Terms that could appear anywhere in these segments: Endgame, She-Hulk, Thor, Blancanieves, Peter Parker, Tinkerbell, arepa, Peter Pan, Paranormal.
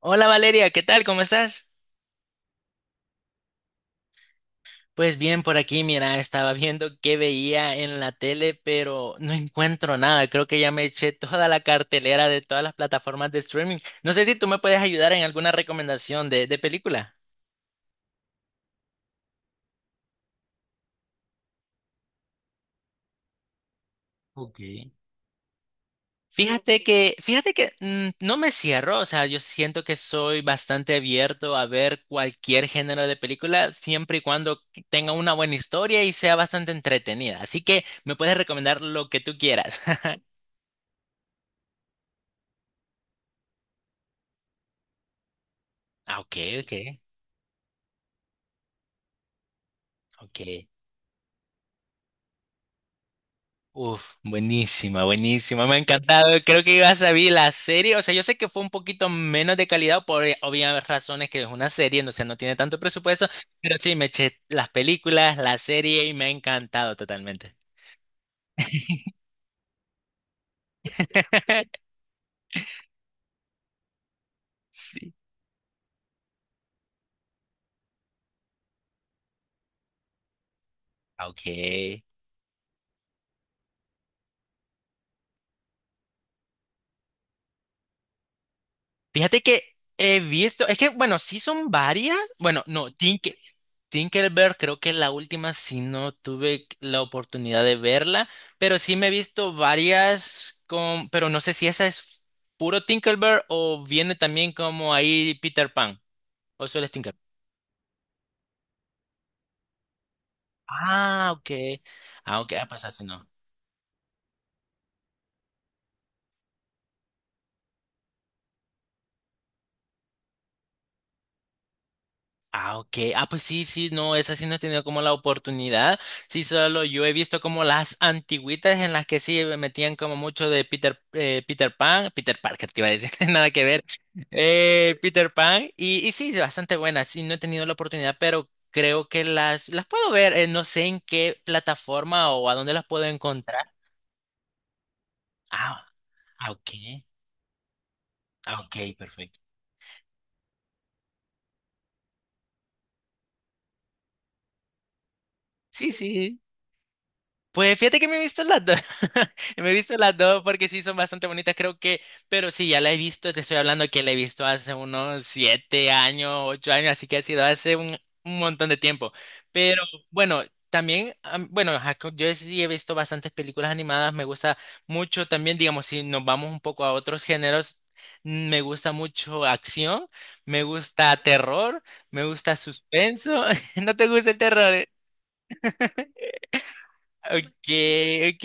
Hola Valeria, ¿qué tal? ¿Cómo estás? Pues bien, por aquí, mira, estaba viendo qué veía en la tele, pero no encuentro nada. Creo que ya me eché toda la cartelera de todas las plataformas de streaming. No sé si tú me puedes ayudar en alguna recomendación de película. Ok. Fíjate que no me cierro. O sea, yo siento que soy bastante abierto a ver cualquier género de película, siempre y cuando tenga una buena historia y sea bastante entretenida. Así que me puedes recomendar lo que tú quieras. Ah, ok, ok, ok. Uf, buenísima, buenísima. Me ha encantado. Creo que ibas a ver la serie. O sea, yo sé que fue un poquito menos de calidad por obvias razones, que es una serie. No, o sea, no tiene tanto presupuesto, pero sí, me eché las películas, la serie y me ha encantado totalmente. Sí. Ah, ok. Fíjate que he visto, es que bueno, sí son varias. Bueno, no, Tinkerbell creo que la última sí no tuve la oportunidad de verla, pero sí me he visto varias con, pero no sé si esa es puro Tinkerbell o viene también como ahí Peter Pan o solo es Tinkerbell. Ah, ok. Ah, ok, ah, pues así no. Ah, ok. Ah, pues sí, sí, no, esa sí no he tenido como la oportunidad. Sí, solo yo he visto como las antigüitas en las que sí me metían como mucho de Peter Pan, Peter Parker, te iba a decir, nada que ver. Peter Pan, y sí, bastante buena. Sí, no he tenido la oportunidad, pero creo que las puedo ver. No sé en qué plataforma o a dónde las puedo encontrar. Ah, ah, ok. Ah, ok, perfecto. Sí, sí. Pues fíjate que me he visto las dos. Me he visto las dos porque sí son bastante bonitas, creo que. Pero sí, ya la he visto, te estoy hablando que la he visto hace unos 7 años, 8 años, así que ha sido hace un montón de tiempo. Pero bueno, también, bueno, ajá, yo sí he visto bastantes películas animadas. Me gusta mucho también, digamos, si nos vamos un poco a otros géneros, me gusta mucho acción, me gusta terror, me gusta suspenso. ¿No te gusta el terror, eh? Ok, ok.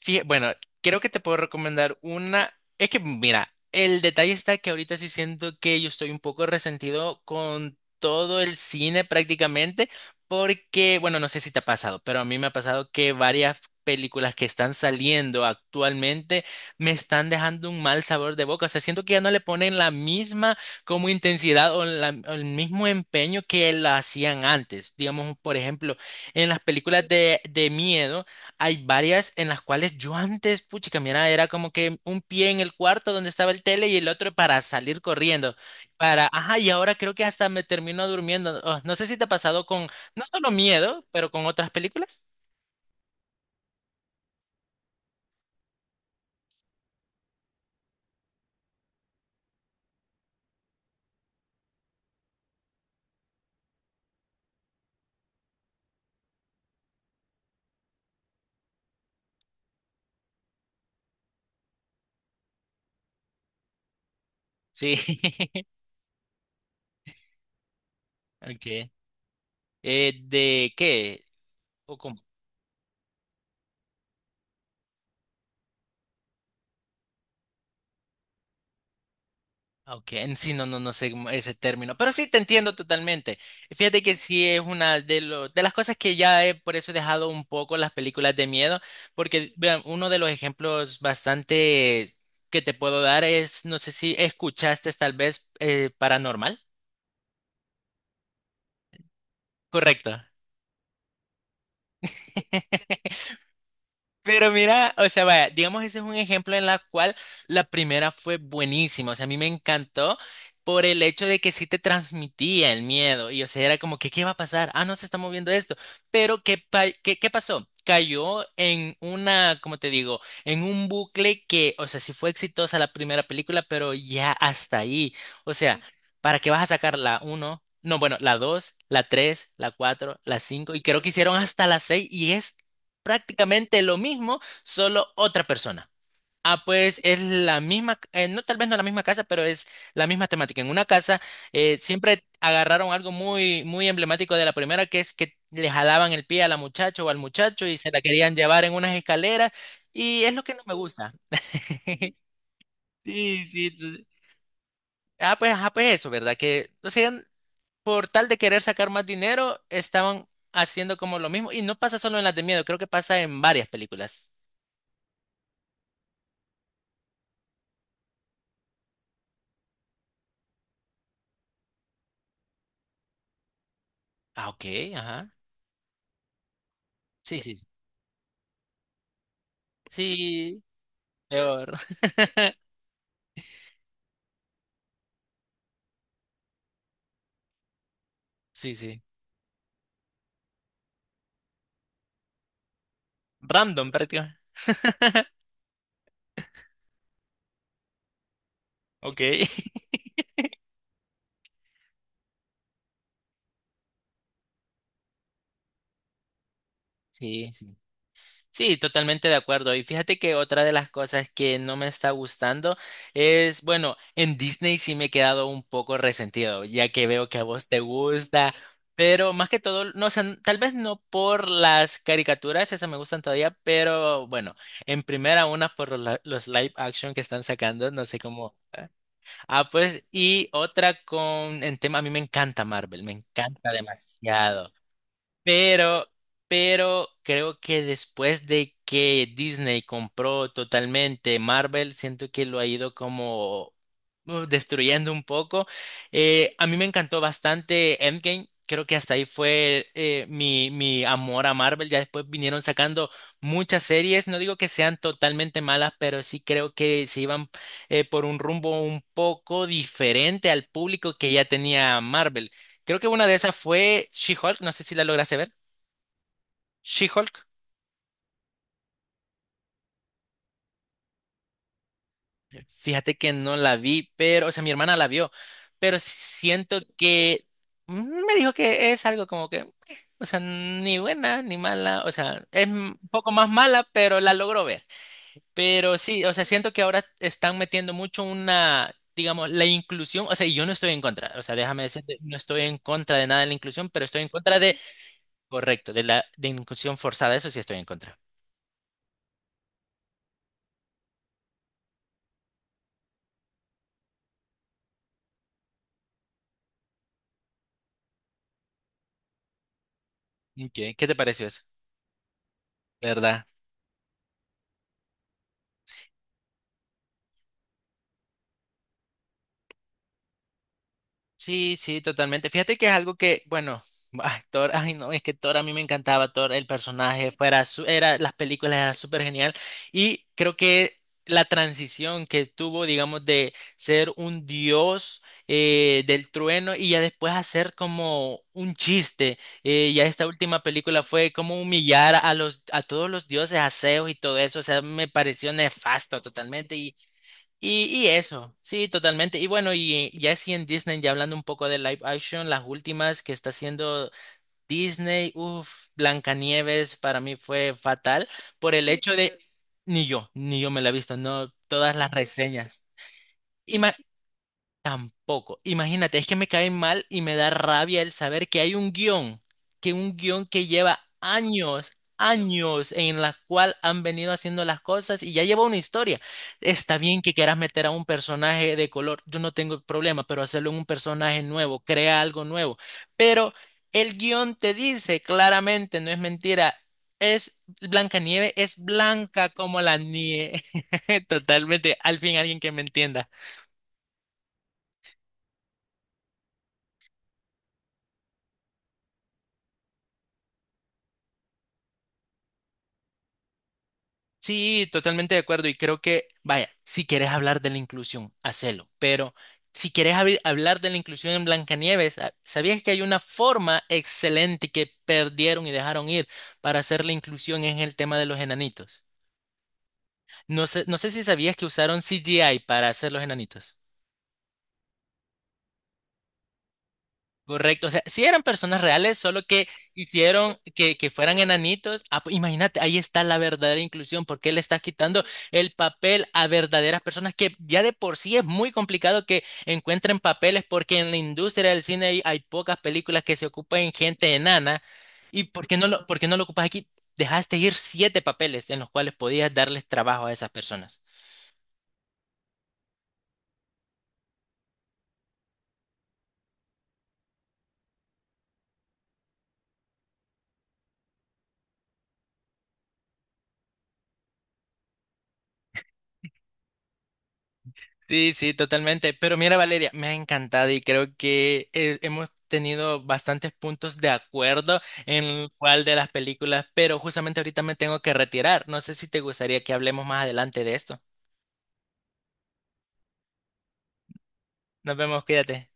Bueno, creo que te puedo recomendar una. Es que, mira, el detalle está que ahorita sí siento que yo estoy un poco resentido con todo el cine prácticamente, porque, bueno, no sé si te ha pasado, pero a mí me ha pasado que varias películas que están saliendo actualmente me están dejando un mal sabor de boca. O sea, siento que ya no le ponen la misma como intensidad o el mismo empeño que la hacían antes. Digamos, por ejemplo, en las películas de miedo. Hay varias en las cuales yo antes, puchica, mira, era como que un pie en el cuarto donde estaba el tele y el otro para salir corriendo. Ajá, y ahora creo que hasta me termino durmiendo. Oh, no sé si te ha pasado con, no solo miedo, pero con otras películas. Sí. Okay. ¿De qué? ¿O cómo? Ok, en sí, no, no, no sé ese término, pero sí te entiendo totalmente. Fíjate que sí es una de las cosas que ya he, por eso he dejado un poco las películas de miedo, porque vean, uno de los ejemplos bastante que te puedo dar es, no sé si escuchaste tal vez Paranormal. Correcto. Pero mira, o sea, vaya, digamos, ese es un ejemplo en la cual la primera fue buenísima. O sea, a mí me encantó por el hecho de que sí te transmitía el miedo. Y, o sea, era como que, ¿qué va a pasar? Ah, no, se está moviendo esto. Pero, ¿qué pasó? Cayó en una, como te digo, en un bucle que, o sea, sí fue exitosa la primera película, pero ya hasta ahí. O sea, ¿para qué vas a sacar la uno? No, bueno, la dos, la tres, la cuatro, la cinco, y creo que hicieron hasta la seis, y es prácticamente lo mismo, solo otra persona. Ah, pues es la misma, no, tal vez no la misma casa, pero es la misma temática. En una casa siempre agarraron algo muy, muy emblemático de la primera, que es que le jalaban el pie a la muchacha o al muchacho y se la querían llevar en unas escaleras, y es lo que no me gusta. Sí, sí. Ah, pues, eso, ¿verdad? Que, o sea, por tal de querer sacar más dinero, estaban haciendo como lo mismo. Y no pasa solo en las de miedo, creo que pasa en varias películas. Ah, ok, ajá. Sí, sí. Sí, peor. Sí, sí. Random prácticamente. Ok. Sí, sí. Sí, totalmente de acuerdo. Y fíjate que otra de las cosas que no me está gustando es, bueno, en Disney sí me he quedado un poco resentido, ya que veo que a vos te gusta, pero más que todo, no, o sea, tal vez no por las caricaturas, esas me gustan todavía, pero bueno, en primera una los live action que están sacando, no sé cómo. Ah, pues, y otra con, en tema, a mí me encanta Marvel, me encanta demasiado. Pero, pero creo que después de que Disney compró totalmente Marvel, siento que lo ha ido como destruyendo un poco. A mí me encantó bastante Endgame. Creo que hasta ahí fue mi amor a Marvel. Ya después vinieron sacando muchas series. No digo que sean totalmente malas, pero sí creo que se iban por un rumbo un poco diferente al público que ya tenía Marvel. Creo que una de esas fue She-Hulk, no sé si la lograste ver. She-Hulk, fíjate que no la vi, pero, o sea, mi hermana la vio, pero siento que me dijo que es algo como que o sea, ni buena ni mala, o sea, es un poco más mala, pero la logró ver. Pero sí, o sea, siento que ahora están metiendo mucho una, digamos, la inclusión, o sea, y yo no estoy en contra, o sea, déjame decirte, no estoy en contra de nada de la inclusión, pero estoy en contra de, correcto, de la de inclusión forzada, eso sí estoy en contra. Ok, ¿qué te pareció eso? ¿Verdad? Sí, sí, totalmente. Fíjate que es algo que, bueno, ay, Thor, ay no, es que Thor a mí me encantaba. Thor, el personaje, era, las películas eran súper genial, y creo que la transición que tuvo, digamos, de ser un dios del trueno y ya después hacer como un chiste, ya esta última película fue como humillar a los, a todos los dioses, aseos y todo eso. O sea, me pareció nefasto totalmente. Y eso, sí, totalmente. Y bueno, y ya sí en Disney, ya hablando un poco de live action, las últimas que está haciendo Disney, uff, Blancanieves para mí fue fatal por el hecho de, ni yo me la he visto, no, todas las reseñas. Tampoco. Imagínate, es que me caen mal y me da rabia el saber que hay un guión que lleva años, años en la cual han venido haciendo las cosas y ya lleva una historia. Está bien que quieras meter a un personaje de color, yo no tengo problema, pero hacerlo en un personaje nuevo, crea algo nuevo. Pero el guión te dice claramente, no es mentira. Es Blanca Nieve, es blanca como la nieve. Totalmente, al fin alguien que me entienda. Sí, totalmente de acuerdo. Y creo que, vaya, si quieres hablar de la inclusión, hacelo. Pero si quieres hablar de la inclusión en Blancanieves, ah, ¿sabías que hay una forma excelente que perdieron y dejaron ir para hacer la inclusión en el tema de los enanitos? No sé si sabías que usaron CGI para hacer los enanitos. Correcto, o sea, sí eran personas reales, solo que hicieron que fueran enanitos. Ah, pues imagínate, ahí está la verdadera inclusión, porque le estás quitando el papel a verdaderas personas que ya de por sí es muy complicado que encuentren papeles, porque en la industria del cine hay pocas películas que se ocupan en gente enana. ¿Y por qué no lo ocupas aquí? Dejaste ir 7 papeles en los cuales podías darles trabajo a esas personas. Sí, sí, totalmente. Pero mira, Valeria, me ha encantado y creo que hemos tenido bastantes puntos de acuerdo en cuál de las películas, pero justamente ahorita me tengo que retirar. No sé si te gustaría que hablemos más adelante de esto. Nos vemos, cuídate.